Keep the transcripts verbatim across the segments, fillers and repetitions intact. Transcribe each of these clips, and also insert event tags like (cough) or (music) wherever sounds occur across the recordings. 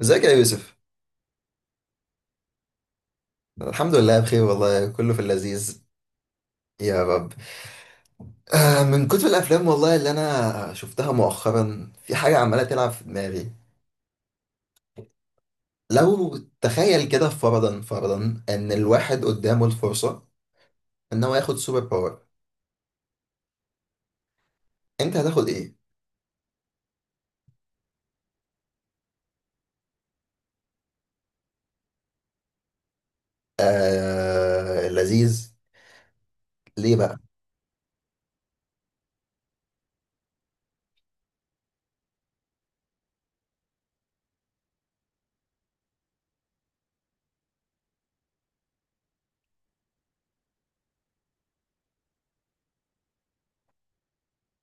ازيك يا يوسف؟ الحمد لله بخير، والله كله في اللذيذ. يا رب. آه من كتر الافلام والله اللي انا شفتها مؤخرا، في حاجه عماله تلعب في دماغي. لو تخيل كده فرضا فرضا ان الواحد قدامه الفرصه ان هو ياخد سوبر باور، انت هتاخد ايه؟ آه لذيذ. ليه بقى؟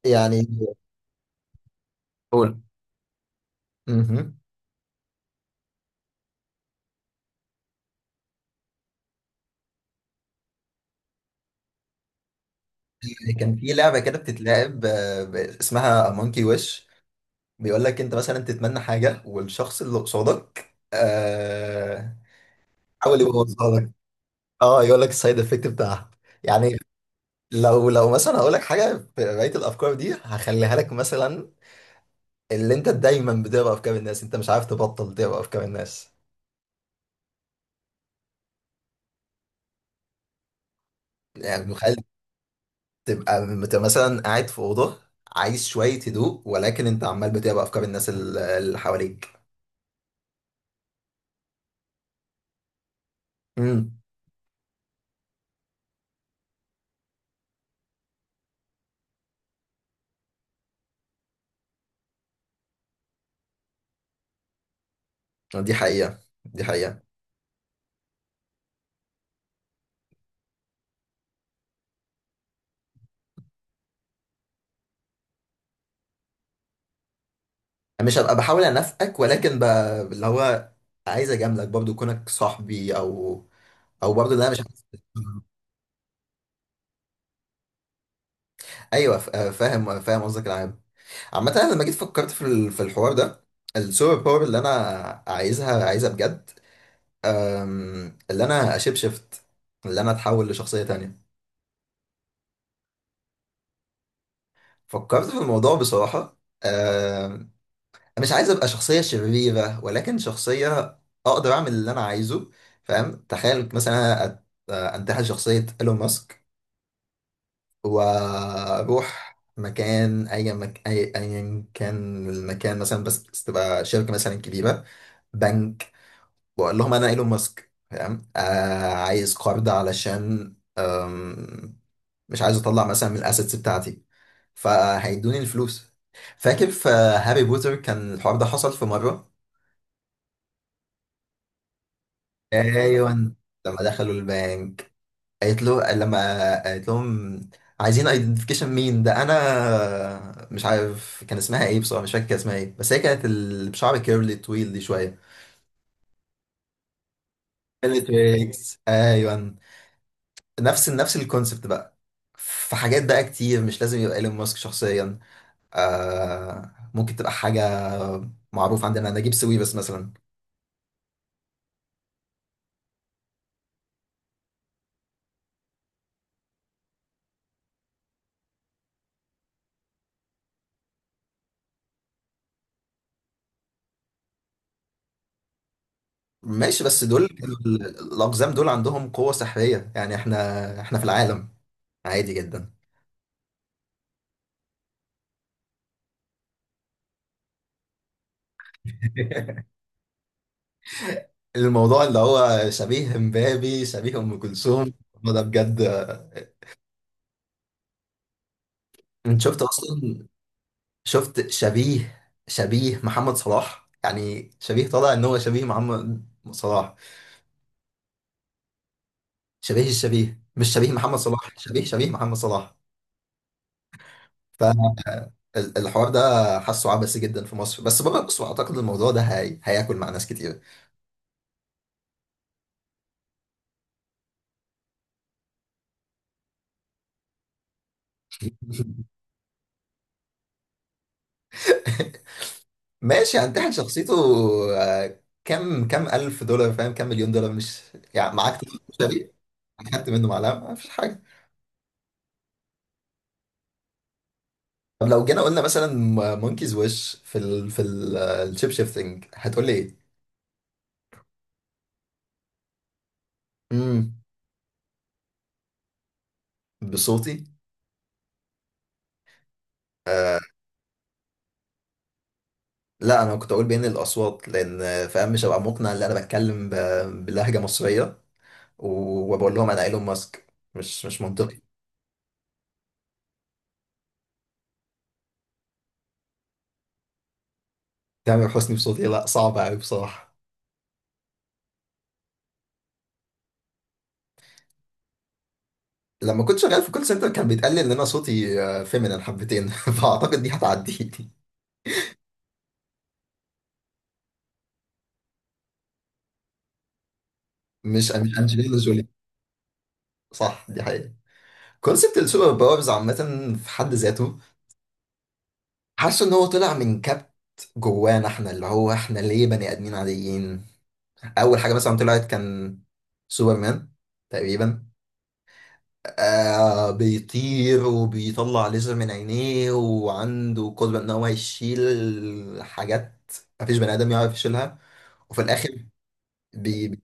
يعني قول. مهم. آه، كان في لعبه كده بتتلعب آه، اسمها مونكي ويش. بيقول لك انت مثلا تتمنى حاجه، والشخص اللي قصادك آه، حاول يبوظها لك. اه، يقول لك السايد افكت بتاعها. يعني لو لو مثلا هقول لك حاجه في بقيه الافكار دي، هخليها لك مثلا. اللي انت دايما بتقرا افكار الناس، انت مش عارف تبطل تقرا افكار الناس. يعني متخيل، تبقى تبقى مثلا قاعد في اوضه، عايز شويه هدوء، ولكن انت عمال بتقرا افكار الناس ال- اللي حواليك. امم، دي حقيقه، دي حقيقه. مش هبقى بحاول انافقك، ولكن ب... اللي هو عايز اجاملك برضو كونك صاحبي، او او برضو لا مش عايز. (laughs) ايوه، ف- فاهم فاهم قصدك العام. عامه، انا لما جيت فكرت في ال- في الحوار ده، السوبر باور اللي انا عايزها عايزها بجد. أم، اللي انا اشيب شيفت، اللي انا اتحول لشخصيه تانية. فكرت في الموضوع بصراحه، مش عايز ابقى شخصية شريرة، ولكن شخصية اقدر اعمل اللي انا عايزه. فاهم؟ تخيل مثلا انا أت- انتحل شخصية ايلون ماسك، واروح مكان اي مك... اي ايا كان المكان، مثلا بس بس تبقى شركة مثلا كبيرة، بنك، واقول لهم انا ايلون ماسك. فاهم؟ آه، عايز قرض علشان آم، مش عايز اطلع مثلا من الاسيتس بتاعتي، فهيدوني الفلوس. فاكر في هاري بوتر كان الحوار ده حصل في مرة؟ ايوه. لما دخلوا البنك قالت له لما قالت لهم عايزين ايدنتيفيكيشن، مين ده؟ انا مش عارف كان اسمها ايه بصراحه، مش فاكر كان اسمها ايه، بس هي كانت اللي بشعر كيرلي طويل دي شويه. كيرلي تويكس، ايوه. نفس نفس الكونسبت بقى. في حاجات بقى كتير، مش لازم يبقى ايلون ماسك شخصيا، آه ممكن تبقى حاجه معروف عندنا، نجيب ساويرس مثلا. ماشي، بس دول كانوا ال- الاقزام دول عندهم قوه سحريه، يعني احنا احنا في العالم عادي جدا. (laughs) الموضوع اللي هو شبيه امبابي، شبيه ام كلثوم، هو ده بجد. آه، انت شفت اصلا؟ شفت شبيه، شبيه محمد صلاح، يعني شبيه طالع ان هو شبيه محمد صلاح. شبيه الشبيه، مش شبيه محمد صلاح، شبيه شبيه محمد صلاح. فالحوار ده حاسه عبثي جدا في مصر، بس بره مصر اعتقد الموضوع ده هي... هياكل مع ناس كتير. (laughs) ماشي، هنتحل شخصيته. آه، كم كم ألف دولار، فاهم، كم مليون دولار، مش يعني معاك، يعني خدت منه معلقه، ما فيش حاجه. طب لو جينا قلنا مثلا مونكيز ويش في ال في ال- الشيب شيفتنج، هتقول لي ايه؟ امم، بصوتي. لا، انا كنت اقول بين الاصوات، لان فاهم مش هبقى مقنع ان انا بتكلم ب- بلهجه مصريه و- وبقول لهم انا ايلون ماسك، مش مش منطقي. تامر حسني بصوتي؟ لا صعب قوي بصراحه. لما كنت شغال في كول سنتر، كان بيتقال لي ان انا صوتي آه، فيمينين حبتين. (laughs) فاعتقد دي هتعدي. مش مش انجلينا جولي. صح، دي حقيقة. كونسبت السوبر باورز عامة في حد ذاته، حاسه ان هو طلع من كبت جوانا، احنا اللي هو احنا ليه بني ادمين عاديين. اول حاجه مثلا طلعت كان سوبرمان تقريبا. آه، بيطير، وبيطلع ليزر من عينيه، وعنده قدره ان هو يشيل حاجات مفيش بني ادم يعرف يشيلها. وفي الاخر بي... بي-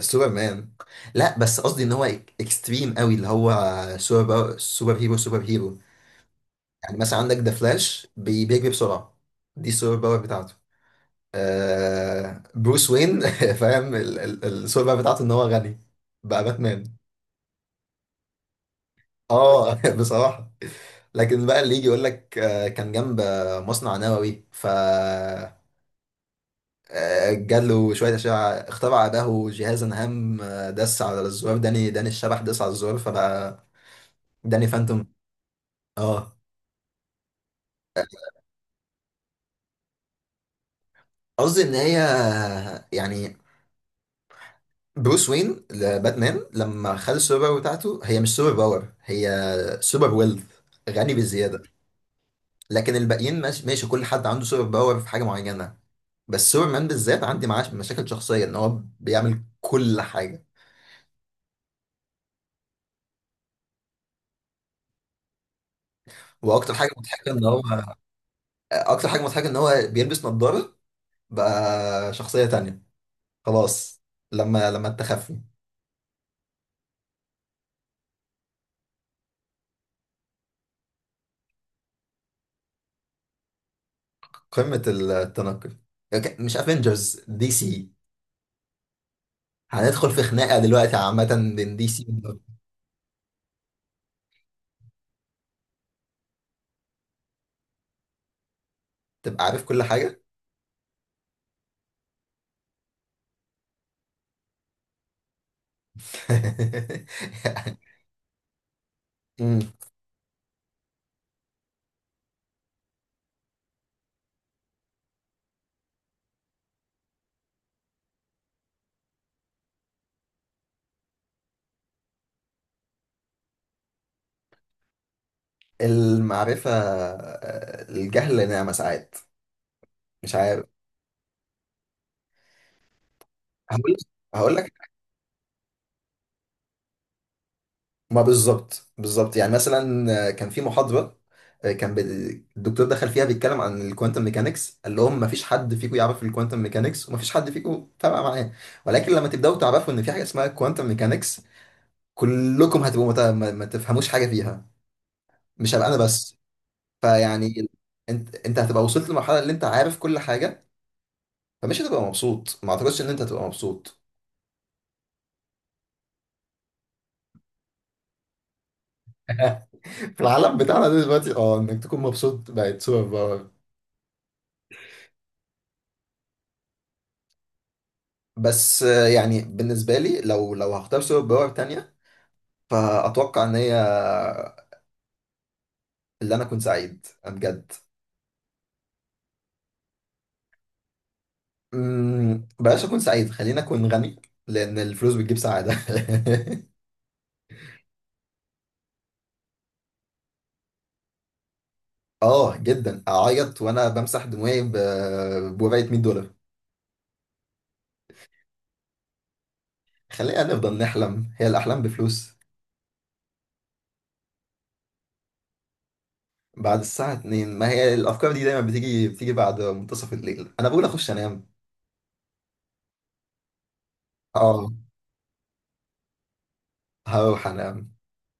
سوبرمان. لا، بس قصدي ان هو إك- اكستريم قوي، اللي هو سوبر سوبر هيرو سوبر هيرو. يعني مثلا عندك ذا فلاش بيجري بسرعه، دي السوبر باور بتاعته. آه، بروس وين. (laughs) فاهم ال- ال- السوبر بتاعته ان هو غني، بقى باتمان. اه. (laughs) بصراحة، لكن بقى اللي يجي يقول لك آه، كان جنب آه، مصنع نووي ف آه، جاله شوية أشعة، اخترع له جهازا هام، آه، دس على الزرار، داني داني الشبح دس على الزرار، فبقى داني فانتوم. اه، قصدي ان هي، يعني بروس وين لباتمان لما خد السوبر باور بتاعته، هي مش سوبر باور، هي سوبر ويلث. غني بالزيادة. لكن الباقيين ماشي، ماشي، كل حد عنده سوبر باور في حاجه معينه. بس سوبر مان بالذات عندي معاه مشاكل شخصيه ان هو بيعمل كل حاجه. واكتر حاجه مضحكه ان هو اكتر حاجه مضحكه ان هو بيلبس نظاره، بقى شخصيه تانية. خلاص. لما لما التخفي. قمه التنقل. لك- مش افنجرز، دي سي. هندخل في خناقه دلوقتي عامه بين دي سي. تبقى عارف كل حاجه. (laughs) أمم. المعرفه، آه، الجهل نعمه ساعات، مش عارف. هقول هقول لك، ما بالظبط بالظبط، يعني مثلا كان في محاضره آه، كان بي- الدكتور دخل فيها بيتكلم عن الكوانتم ميكانكس، قال لهم ما فيش حد فيكم يعرف الكوانتم ميكانكس، وما فيش حد فيكم تابع معاه، ولكن لما تبداوا تعرفوا ان في حاجه اسمها كوانتم ميكانكس، كلكم هتبقوا مت... ما ما تفهموش حاجه فيها، مش هبقى انا بس. فيعني انت انت هتبقى وصلت للمرحله اللي انت عارف كل حاجه، فمش هتبقى مبسوط، ما اعتقدش ان انت هتبقى مبسوط. (laughs) في العالم بتاعنا ده دلوقتي، اه، انك تكون مبسوط بقت سوبر باور. بس آه، يعني بالنسبة لي لو لو هختار سوبر باور تانية، فأتوقع إن هي اللي أنا أكون سعيد بجد. أمم، بلاش أكون سعيد، خليني أكون غني، لأن الفلوس بتجيب سعادة. (laughs) آه جدا، أعيط وأنا بمسح دموعي ب- بورقة مية دولار. خلينا نفضل نحلم، هي الأحلام بفلوس. بعد الساعة اثنين، ما هي الأفكار دي دايما بتيجي بتيجي بعد منتصف الليل، أنا بقول أخش أنام. آه، هروح أنام.